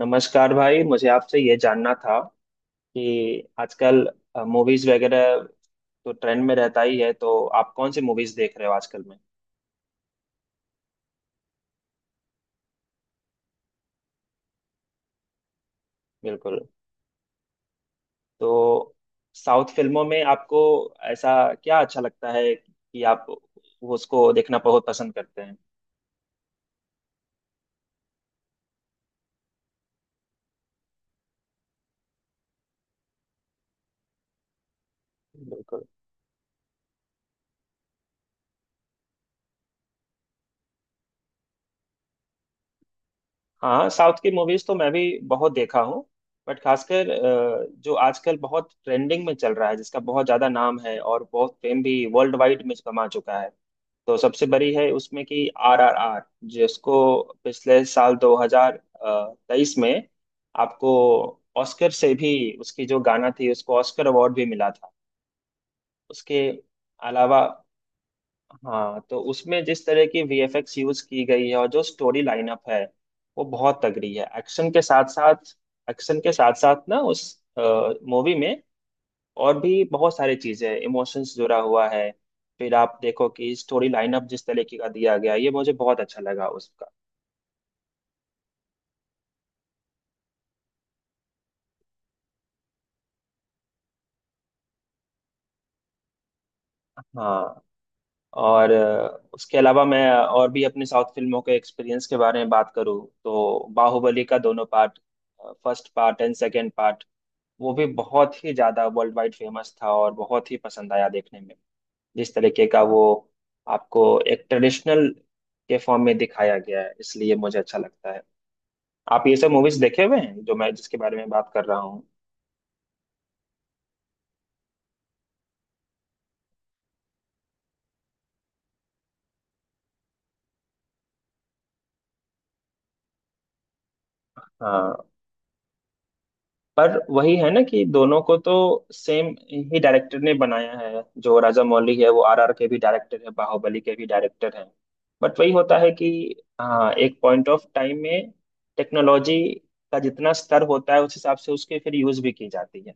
नमस्कार भाई, मुझे आपसे ये जानना था कि आजकल मूवीज वगैरह तो ट्रेंड में रहता ही है, तो आप कौन सी मूवीज देख रहे हो आजकल में? बिल्कुल। तो साउथ फिल्मों में आपको ऐसा क्या अच्छा लगता है कि आप उसको देखना बहुत पसंद करते हैं? बिल्कुल। हाँ, साउथ की मूवीज तो मैं भी बहुत देखा हूँ। बट खासकर जो आजकल बहुत ट्रेंडिंग में चल रहा है, जिसका बहुत ज्यादा नाम है और बहुत फेम भी वर्ल्ड वाइड में कमा चुका है, तो सबसे बड़ी है उसमें कि आरआरआर, जिसको पिछले साल 2023 में आपको ऑस्कर से भी उसकी जो गाना थी उसको ऑस्कर अवार्ड भी मिला था उसके अलावा। हाँ, तो उसमें जिस तरह की वीएफएक्स यूज की गई है और जो स्टोरी लाइनअप है वो बहुत तगड़ी है एक्शन के साथ साथ। एक्शन के साथ साथ ना उस मूवी में और भी बहुत सारी चीजें इमोशंस जुड़ा हुआ है। फिर आप देखो कि स्टोरी लाइनअप जिस तरीके का दिया गया ये मुझे बहुत अच्छा लगा उसका। हाँ, और उसके अलावा मैं और भी अपनी साउथ फिल्मों के एक्सपीरियंस के बारे में बात करूँ तो बाहुबली का दोनों part, first part and second part, वो भी बहुत ही ज्यादा वर्ल्ड वाइड फेमस था और बहुत ही पसंद आया देखने में। जिस तरीके का वो आपको एक ट्रेडिशनल के फॉर्म में दिखाया गया है इसलिए मुझे अच्छा लगता है। आप ये सब मूवीज देखे हुए हैं जो मैं जिसके बारे में बात कर रहा हूँ। हाँ, पर वही है ना कि दोनों को तो सेम ही डायरेक्टर ने बनाया है, जो राजा मौली है वो आरआर के भी डायरेक्टर है, बाहुबली के भी डायरेक्टर है। बट वही होता है कि हाँ एक पॉइंट ऑफ टाइम में टेक्नोलॉजी का जितना स्तर होता है उस हिसाब से उसके फिर यूज भी की जाती है।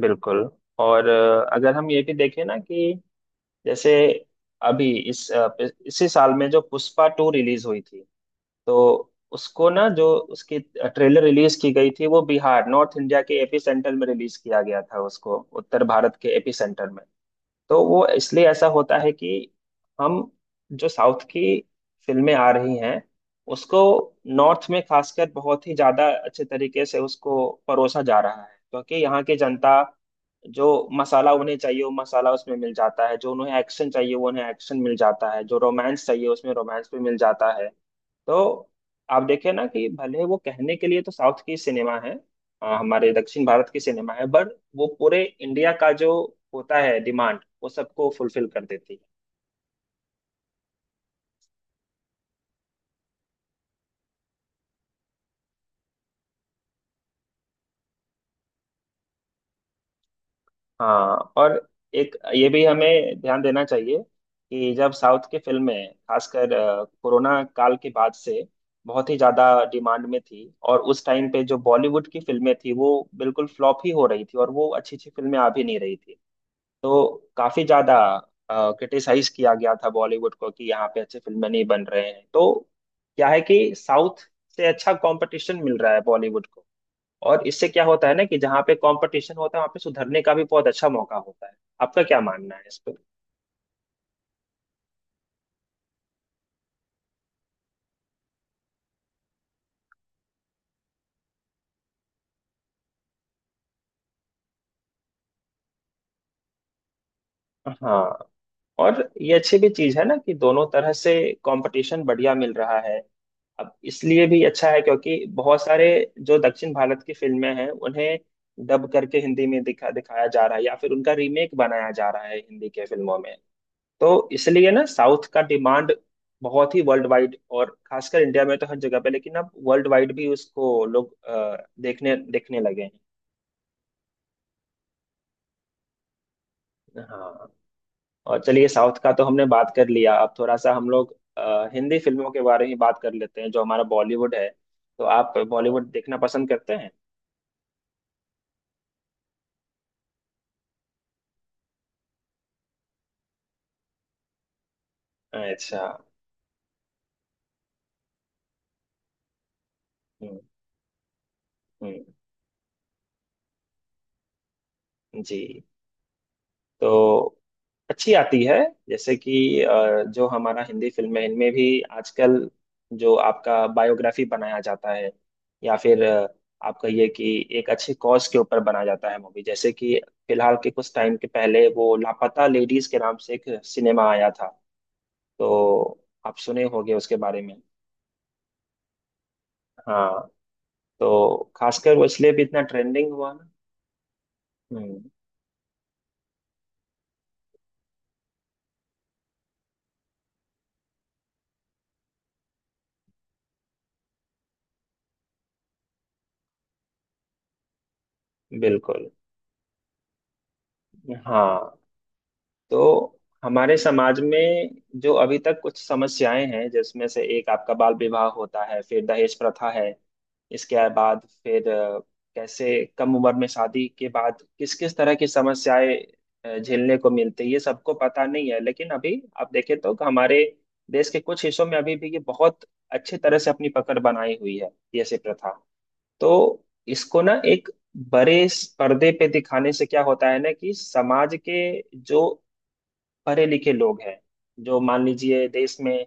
बिल्कुल। और अगर हम ये भी देखें ना कि जैसे अभी इस इसी साल में जो पुष्पा टू रिलीज हुई थी, तो उसको ना जो उसकी ट्रेलर रिलीज की गई थी वो बिहार, नॉर्थ इंडिया के एपी सेंटर में रिलीज किया गया था उसको, उत्तर भारत के एपी सेंटर में। तो वो इसलिए ऐसा होता है कि हम जो साउथ की फिल्में आ रही हैं उसको नॉर्थ में खासकर बहुत ही ज्यादा अच्छे तरीके से उसको परोसा जा रहा है, क्योंकि यहाँ की जनता, जो मसाला उन्हें चाहिए वो मसाला उसमें मिल जाता है, जो उन्हें एक्शन चाहिए वो उन्हें एक्शन मिल जाता है, जो रोमांस चाहिए उसमें रोमांस भी मिल जाता है। तो आप देखिए ना कि भले वो कहने के लिए तो साउथ की सिनेमा है, हमारे दक्षिण भारत की सिनेमा है, बट वो पूरे इंडिया का जो होता है डिमांड वो सबको फुलफिल कर देती है। हाँ, और एक ये भी हमें ध्यान देना चाहिए कि जब साउथ की फिल्में खासकर कोरोना काल के बाद से बहुत ही ज्यादा डिमांड में थी, और उस टाइम पे जो बॉलीवुड की फिल्में थी वो बिल्कुल फ्लॉप ही हो रही थी और वो अच्छी अच्छी फिल्में आ भी नहीं रही थी। तो काफी ज्यादा क्रिटिसाइज किया गया था बॉलीवुड को कि यहाँ पे अच्छी फिल्में नहीं बन रहे हैं। तो क्या है कि साउथ से अच्छा कंपटीशन मिल रहा है बॉलीवुड को, और इससे क्या होता है ना कि जहाँ पे कंपटीशन होता है वहाँ पे सुधरने का भी बहुत अच्छा मौका होता है। आपका क्या मानना है इस पे? हाँ, और ये अच्छी भी चीज है ना कि दोनों तरह से कंपटीशन बढ़िया मिल रहा है। अब इसलिए भी अच्छा है क्योंकि बहुत सारे जो दक्षिण भारत की फिल्में हैं उन्हें डब करके हिंदी में दिखाया जा रहा है, या फिर उनका रीमेक बनाया जा रहा है हिंदी के फिल्मों में। तो इसलिए ना साउथ का डिमांड बहुत ही वर्ल्ड वाइड और खासकर इंडिया में तो हर जगह पे, लेकिन अब वर्ल्ड वाइड भी उसको लोग देखने देखने लगे हैं। हाँ, और चलिए साउथ का तो हमने बात कर लिया, अब थोड़ा सा हम लोग हिंदी फिल्मों के बारे में बात कर लेते हैं जो हमारा बॉलीवुड है। तो आप बॉलीवुड देखना पसंद करते हैं? अच्छा। हम्म। हम्म। जी। तो अच्छी आती है, जैसे कि जो हमारा हिंदी फिल्म है इनमें भी आजकल जो आपका बायोग्राफी बनाया जाता है या फिर आपका ये कि एक अच्छी कॉज के ऊपर बना जाता है मूवी, जैसे कि फिलहाल के कुछ टाइम के पहले वो लापता लेडीज के नाम से एक सिनेमा आया था, तो आप सुने होंगे उसके बारे में। हाँ, तो खासकर वो इसलिए भी इतना ट्रेंडिंग हुआ ना। हम्म। बिल्कुल। हाँ, तो हमारे समाज में जो अभी तक कुछ समस्याएं हैं जिसमें से एक आपका बाल विवाह होता है, फिर दहेज प्रथा है। इसके बाद फिर कैसे कम उम्र में शादी के बाद किस किस तरह की समस्याएं झेलने को मिलती है ये सबको पता नहीं है, लेकिन अभी आप देखें तो हमारे देश के कुछ हिस्सों में अभी भी ये बहुत अच्छे तरह से अपनी पकड़ बनाई हुई है, ये ऐसी प्रथा। तो इसको ना एक बड़े पर्दे पे दिखाने से क्या होता है ना कि समाज के जो पढ़े लिखे लोग हैं, जो मान लीजिए देश में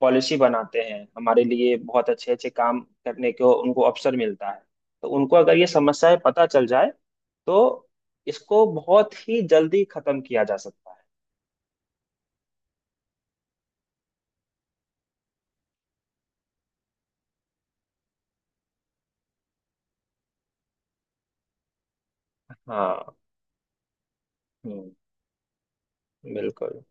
पॉलिसी बनाते हैं हमारे लिए, बहुत अच्छे अच्छे काम करने को उनको अवसर मिलता है। तो उनको अगर ये समस्याएं पता चल जाए तो इसको बहुत ही जल्दी खत्म किया जा सकता है। हाँ। हम्म। बिल्कुल।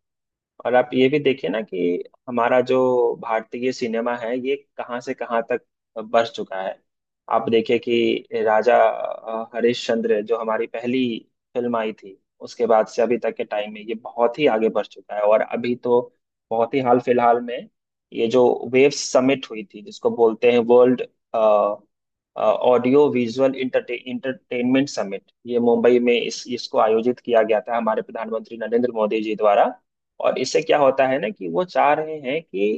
और आप ये भी देखिए ना कि हमारा जो भारतीय सिनेमा है ये कहाँ से कहाँ तक बढ़ चुका है। आप देखिए कि राजा हरिश्चंद्र जो हमारी पहली फिल्म आई थी, उसके बाद से अभी तक के टाइम में ये बहुत ही आगे बढ़ चुका है, और अभी तो बहुत ही हाल फिलहाल में ये जो वेव समिट हुई थी जिसको बोलते हैं world audio visual entertainment summit, ये मुंबई में इस इसको आयोजित किया गया था हमारे प्रधानमंत्री नरेंद्र मोदी जी द्वारा। और इससे क्या होता है ना कि वो चाह रहे हैं कि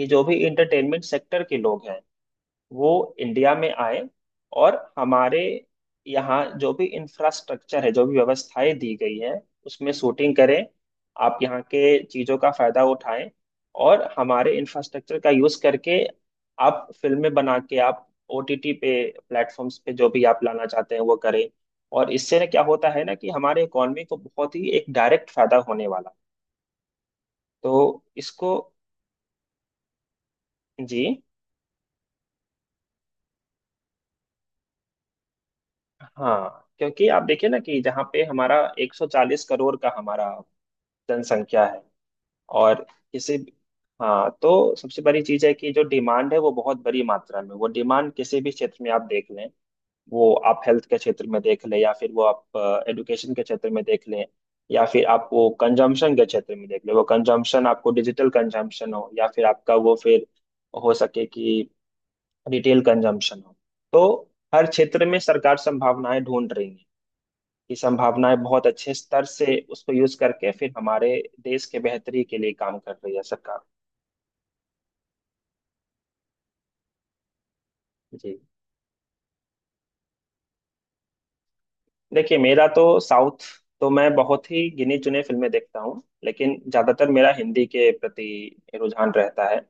ये जो भी इंटरटेनमेंट सेक्टर के लोग हैं वो इंडिया में आए, और हमारे यहाँ जो भी इंफ्रास्ट्रक्चर है, जो भी व्यवस्थाएं दी गई हैं उसमें शूटिंग करें, आप यहाँ के चीज़ों का फायदा उठाएं और हमारे इंफ्रास्ट्रक्चर का यूज़ करके आप फिल्में बना के आप ओटीटी पे प्लेटफॉर्म्स पे जो भी आप लाना चाहते हैं वो करें। और इससे ना क्या होता है ना कि हमारे इकोनॉमी को बहुत ही एक डायरेक्ट फायदा होने वाला है। तो इसको। जी। हाँ, क्योंकि आप देखिए ना कि जहाँ पे हमारा 140 करोड़ का हमारा जनसंख्या है और किसी, हाँ, तो सबसे बड़ी चीज़ है कि जो डिमांड है वो बहुत बड़ी मात्रा में, वो डिमांड किसी भी क्षेत्र में आप देख लें। वो आप हेल्थ के क्षेत्र में देख लें, या फिर वो आप एजुकेशन के क्षेत्र में देख लें, या फिर आप वो कंजम्पशन के क्षेत्र में देख लें। वो कंजम्पशन आपको डिजिटल कंजम्पशन हो या फिर आपका वो फिर हो सके कि रिटेल कंजम्पशन हो। तो हर क्षेत्र में सरकार संभावनाएं ढूंढ रही है, ये संभावनाएं बहुत अच्छे स्तर से उसको यूज करके फिर हमारे देश के बेहतरी के लिए काम कर रही है सरकार। जी। देखिए मेरा तो साउथ तो मैं बहुत ही गिने चुने फिल्में देखता हूँ, लेकिन ज्यादातर मेरा हिंदी के प्रति रुझान रहता है।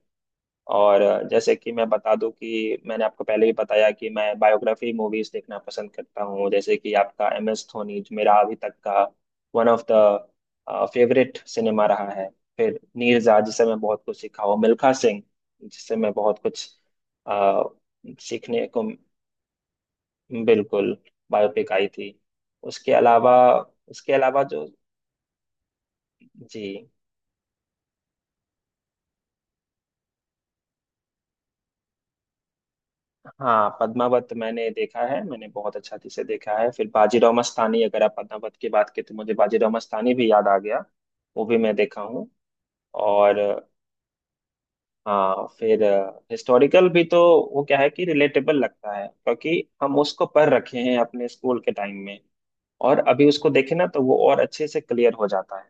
और जैसे कि मैं बता दूं, कि मैंने आपको पहले भी बताया कि मैं बायोग्राफी मूवीज देखना पसंद करता हूँ, जैसे कि आपका एम एस धोनी, जो मेरा अभी तक का one of the favourite cinema रहा है। फिर नीरजा, जिससे मैं बहुत कुछ सीखा हूँ, मिल्खा सिंह, जिससे मैं बहुत कुछ अ, सीखने को। बिल्कुल, बायोपिक आई थी। उसके अलावा उसके अलावा जो, जी। हाँ, पद्मावत मैंने देखा है, मैंने बहुत अच्छा से देखा है। फिर बाजीराव मस्तानी, अगर आप पद्मावत की बात की तो मुझे बाजीराव मस्तानी भी याद आ गया, वो भी मैं देखा हूँ। और हाँ, फिर हिस्टोरिकल भी तो, वो क्या है कि रिलेटेबल लगता है क्योंकि हम उसको पढ़ रखे हैं अपने स्कूल के टाइम में, और अभी उसको देखे ना तो वो और अच्छे से क्लियर हो जाता है।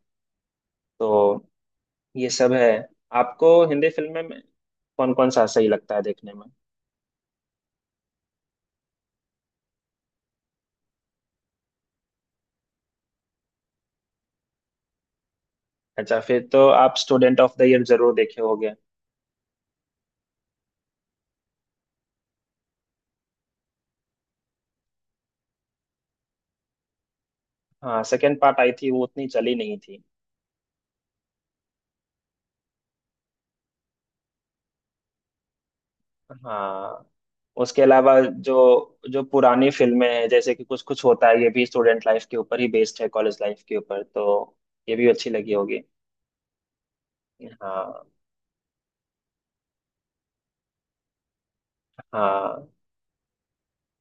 तो ये सब है। आपको हिंदी फिल्में में कौन कौन सा सही लगता है देखने में? अच्छा, फिर तो आप स्टूडेंट ऑफ द ईयर जरूर देखे होंगे। हाँ, सेकंड पार्ट आई थी वो उतनी चली नहीं थी। हाँ, उसके अलावा जो, जो पुरानी फिल्में हैं जैसे कि कुछ कुछ होता है, ये भी स्टूडेंट लाइफ के ऊपर ही बेस्ड है, कॉलेज लाइफ के ऊपर, तो ये भी अच्छी लगी होगी। हाँ, हाँ,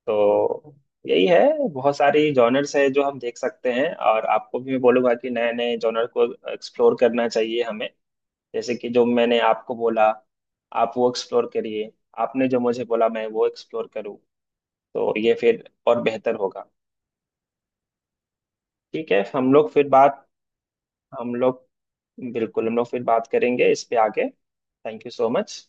तो यही है, बहुत सारी जॉनर्स है जो हम देख सकते हैं, और आपको भी मैं बोलूंगा कि नए नए जॉनर को एक्सप्लोर करना चाहिए हमें। जैसे कि जो मैंने आपको बोला आप वो एक्सप्लोर करिए, आपने जो मुझे बोला मैं वो एक्सप्लोर करूँ, तो ये फिर और बेहतर होगा। ठीक है, हम लोग फिर बात हम लोग बिल्कुल हम लोग फिर बात करेंगे इस पे आगे। Thank you so much.